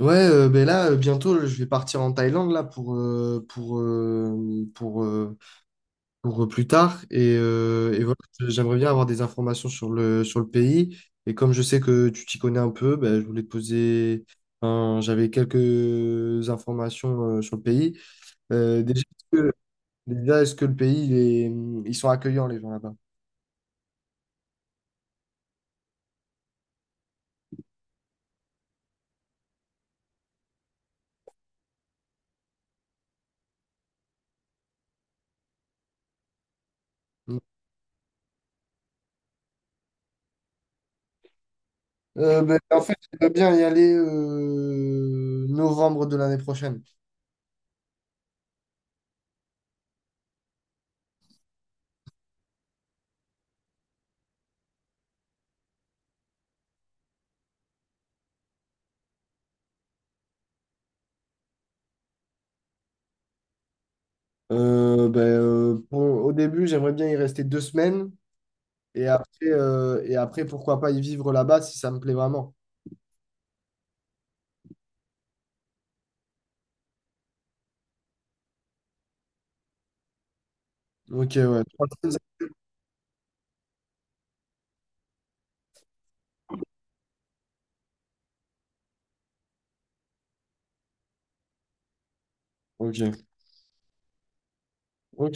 Bientôt, je vais partir en Thaïlande là pour plus tard et et voilà, j'aimerais bien avoir des informations sur le pays et comme je sais que tu t'y connais un peu, ben, je voulais te poser, j'avais quelques informations sur le pays. Euh, déjà, est-ce que, déjà, est-ce que le pays ils sont accueillants les gens là-bas? En fait, j'aimerais bien y aller novembre de l'année prochaine. Au début, j'aimerais bien y rester 2 semaines et après, et après pourquoi pas y vivre là-bas si ça me plaît vraiment. Ok, ouais. 3 semaines. Ok. Ok.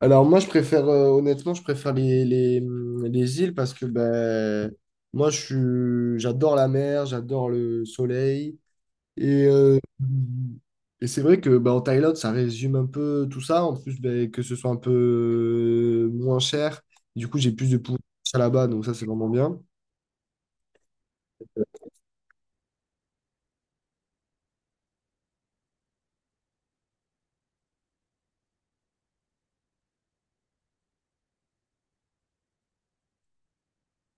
Alors moi, je préfère, honnêtement, je préfère les îles parce que ben, moi, j'adore la mer, j'adore le soleil. Et, euh, et c'est vrai que ben, en Thaïlande, ça résume un peu tout ça. En plus, ben, que ce soit un peu moins cher. Du coup, j'ai plus de pouvoir d'achat là-bas, donc ça, c'est vraiment bien.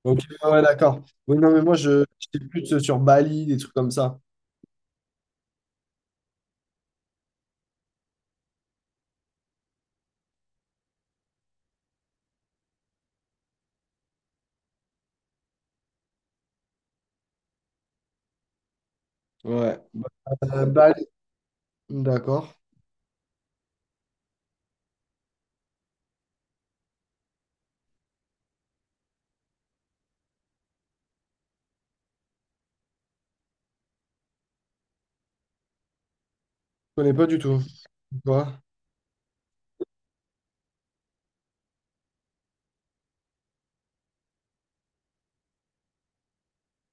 Ok, ouais, ouais, d'accord. Oui, non, mais moi, je j'étais plus sur Bali, des trucs comme ça. Ouais. Bali, d'accord. Je connais pas du tout. Quoi?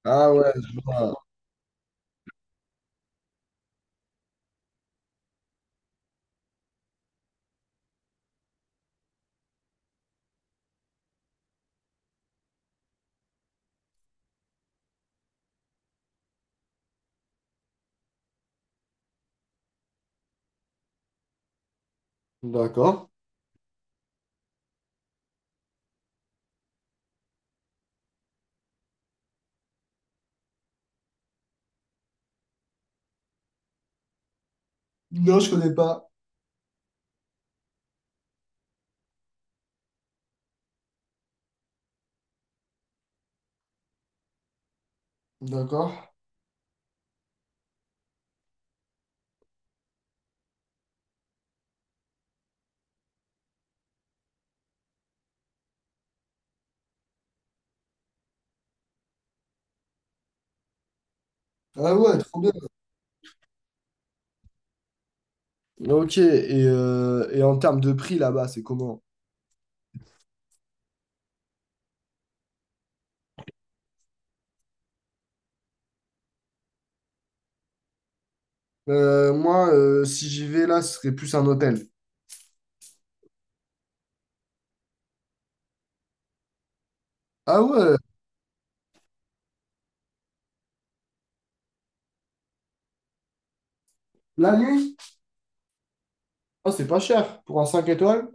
Ah ouais, je vois. D'accord. Non, je connais pas. D'accord. Ah ouais, trop bien. Ok, et, et en termes de prix là-bas, c'est comment? Moi, si j'y vais là, ce serait plus un hôtel. Ah ouais, la nuit? Oh, c'est pas cher pour un 5 étoiles?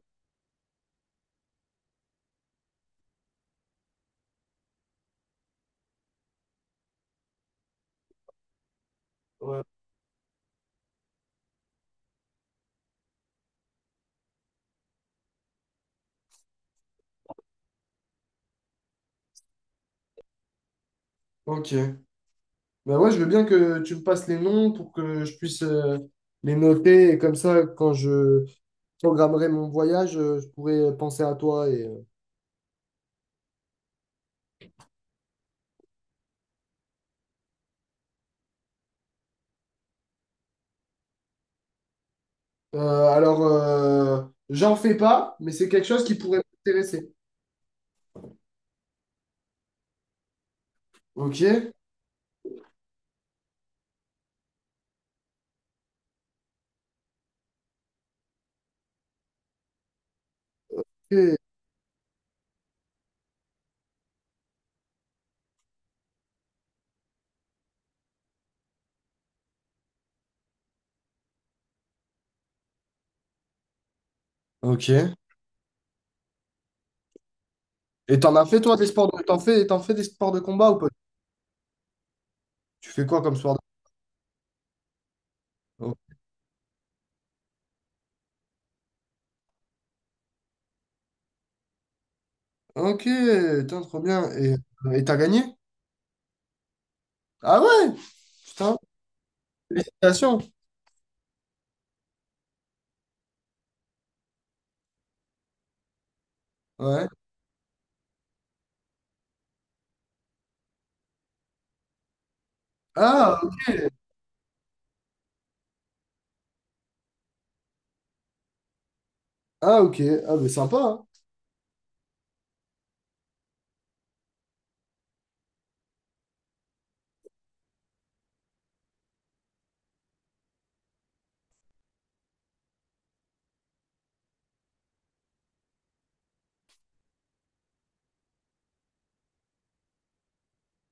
Ouais. Ok. Bah ouais, je veux bien que tu me passes les noms pour que je puisse les noter et comme ça, quand je programmerai mon voyage, je pourrai penser à toi. Alors, j'en fais pas, mais c'est quelque chose qui pourrait m'intéresser. Ok. Et- Ok. Et t'en as fait toi des sports de... t'en fais des sports de combat ou pas? Tu fais quoi comme sport de... Oh. Ok, putain, trop bien. Et t'as gagné? Ah ouais, putain, félicitations. Ouais. Ah, ah ok. Ah mais sympa, hein.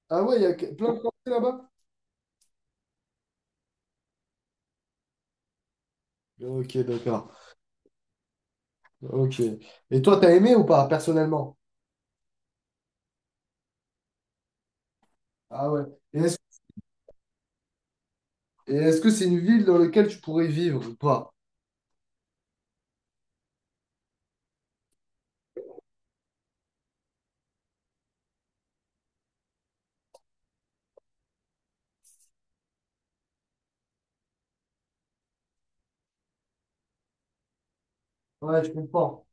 Ah ouais, il y a plein de Français là-bas. Ok, d'accord. Ok. Et toi, t'as aimé ou pas, personnellement? Ah ouais. Et est-ce, et est-ce que c'est une ville dans laquelle tu pourrais vivre ou pas? Ouais, je comprends.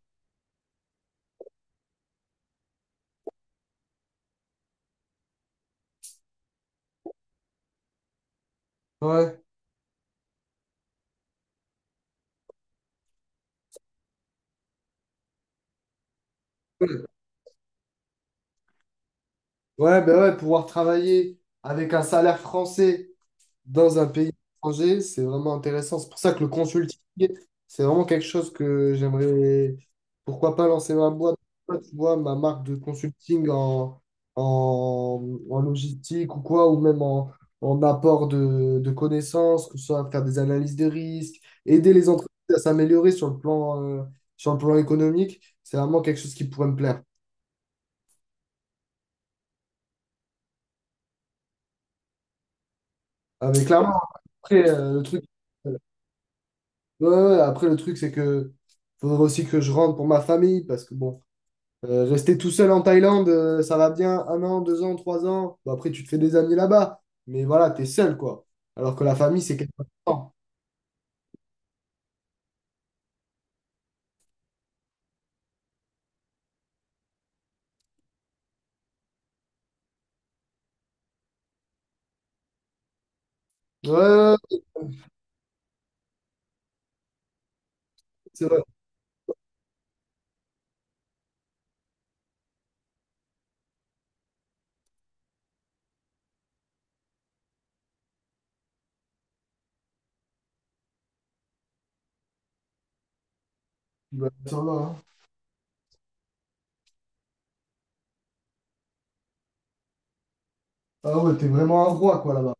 Ouais. Ouais, ben ouais, pouvoir travailler avec un salaire français dans un pays étranger, c'est vraiment intéressant. C'est pour ça que le consulting, c'est vraiment quelque chose que j'aimerais, pourquoi pas lancer ma boîte, tu vois, ma marque de consulting en, en logistique ou quoi, ou même en apport de connaissances, que ce soit faire des analyses de risques, aider les entreprises à s'améliorer sur le plan économique. C'est vraiment quelque chose qui pourrait me plaire. Avec clairement, après, le truc. Ouais, ouais, ouais. Après, le truc, c'est que faudrait aussi que je rentre pour ma famille parce que bon, rester tout seul en Thaïlande, ça va bien 1 an, 2 ans, 3 ans. Bon, après, tu te fais des amis là-bas, mais voilà, t'es seul quoi. Alors que la famille, c'est quelque temps. Ouais, ouais, ouais, c'est vrai. Bah, ça va, hein. Ah ouais, t'es vraiment un roi quoi là-bas.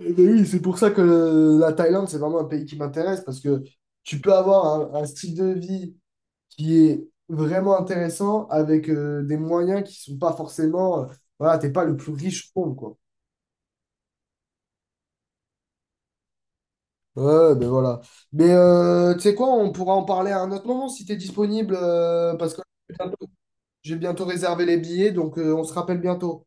Eh ben oui, c'est pour ça que la Thaïlande, c'est vraiment un pays qui m'intéresse parce que tu peux avoir un style de vie qui est vraiment intéressant avec des moyens qui sont pas forcément. Voilà, t'es pas le plus riche au monde, quoi. Ouais, ben voilà. Mais tu sais quoi, on pourra en parler à un autre moment si t'es disponible, parce que j'ai bientôt j'ai bientôt réservé les billets, donc on se rappelle bientôt.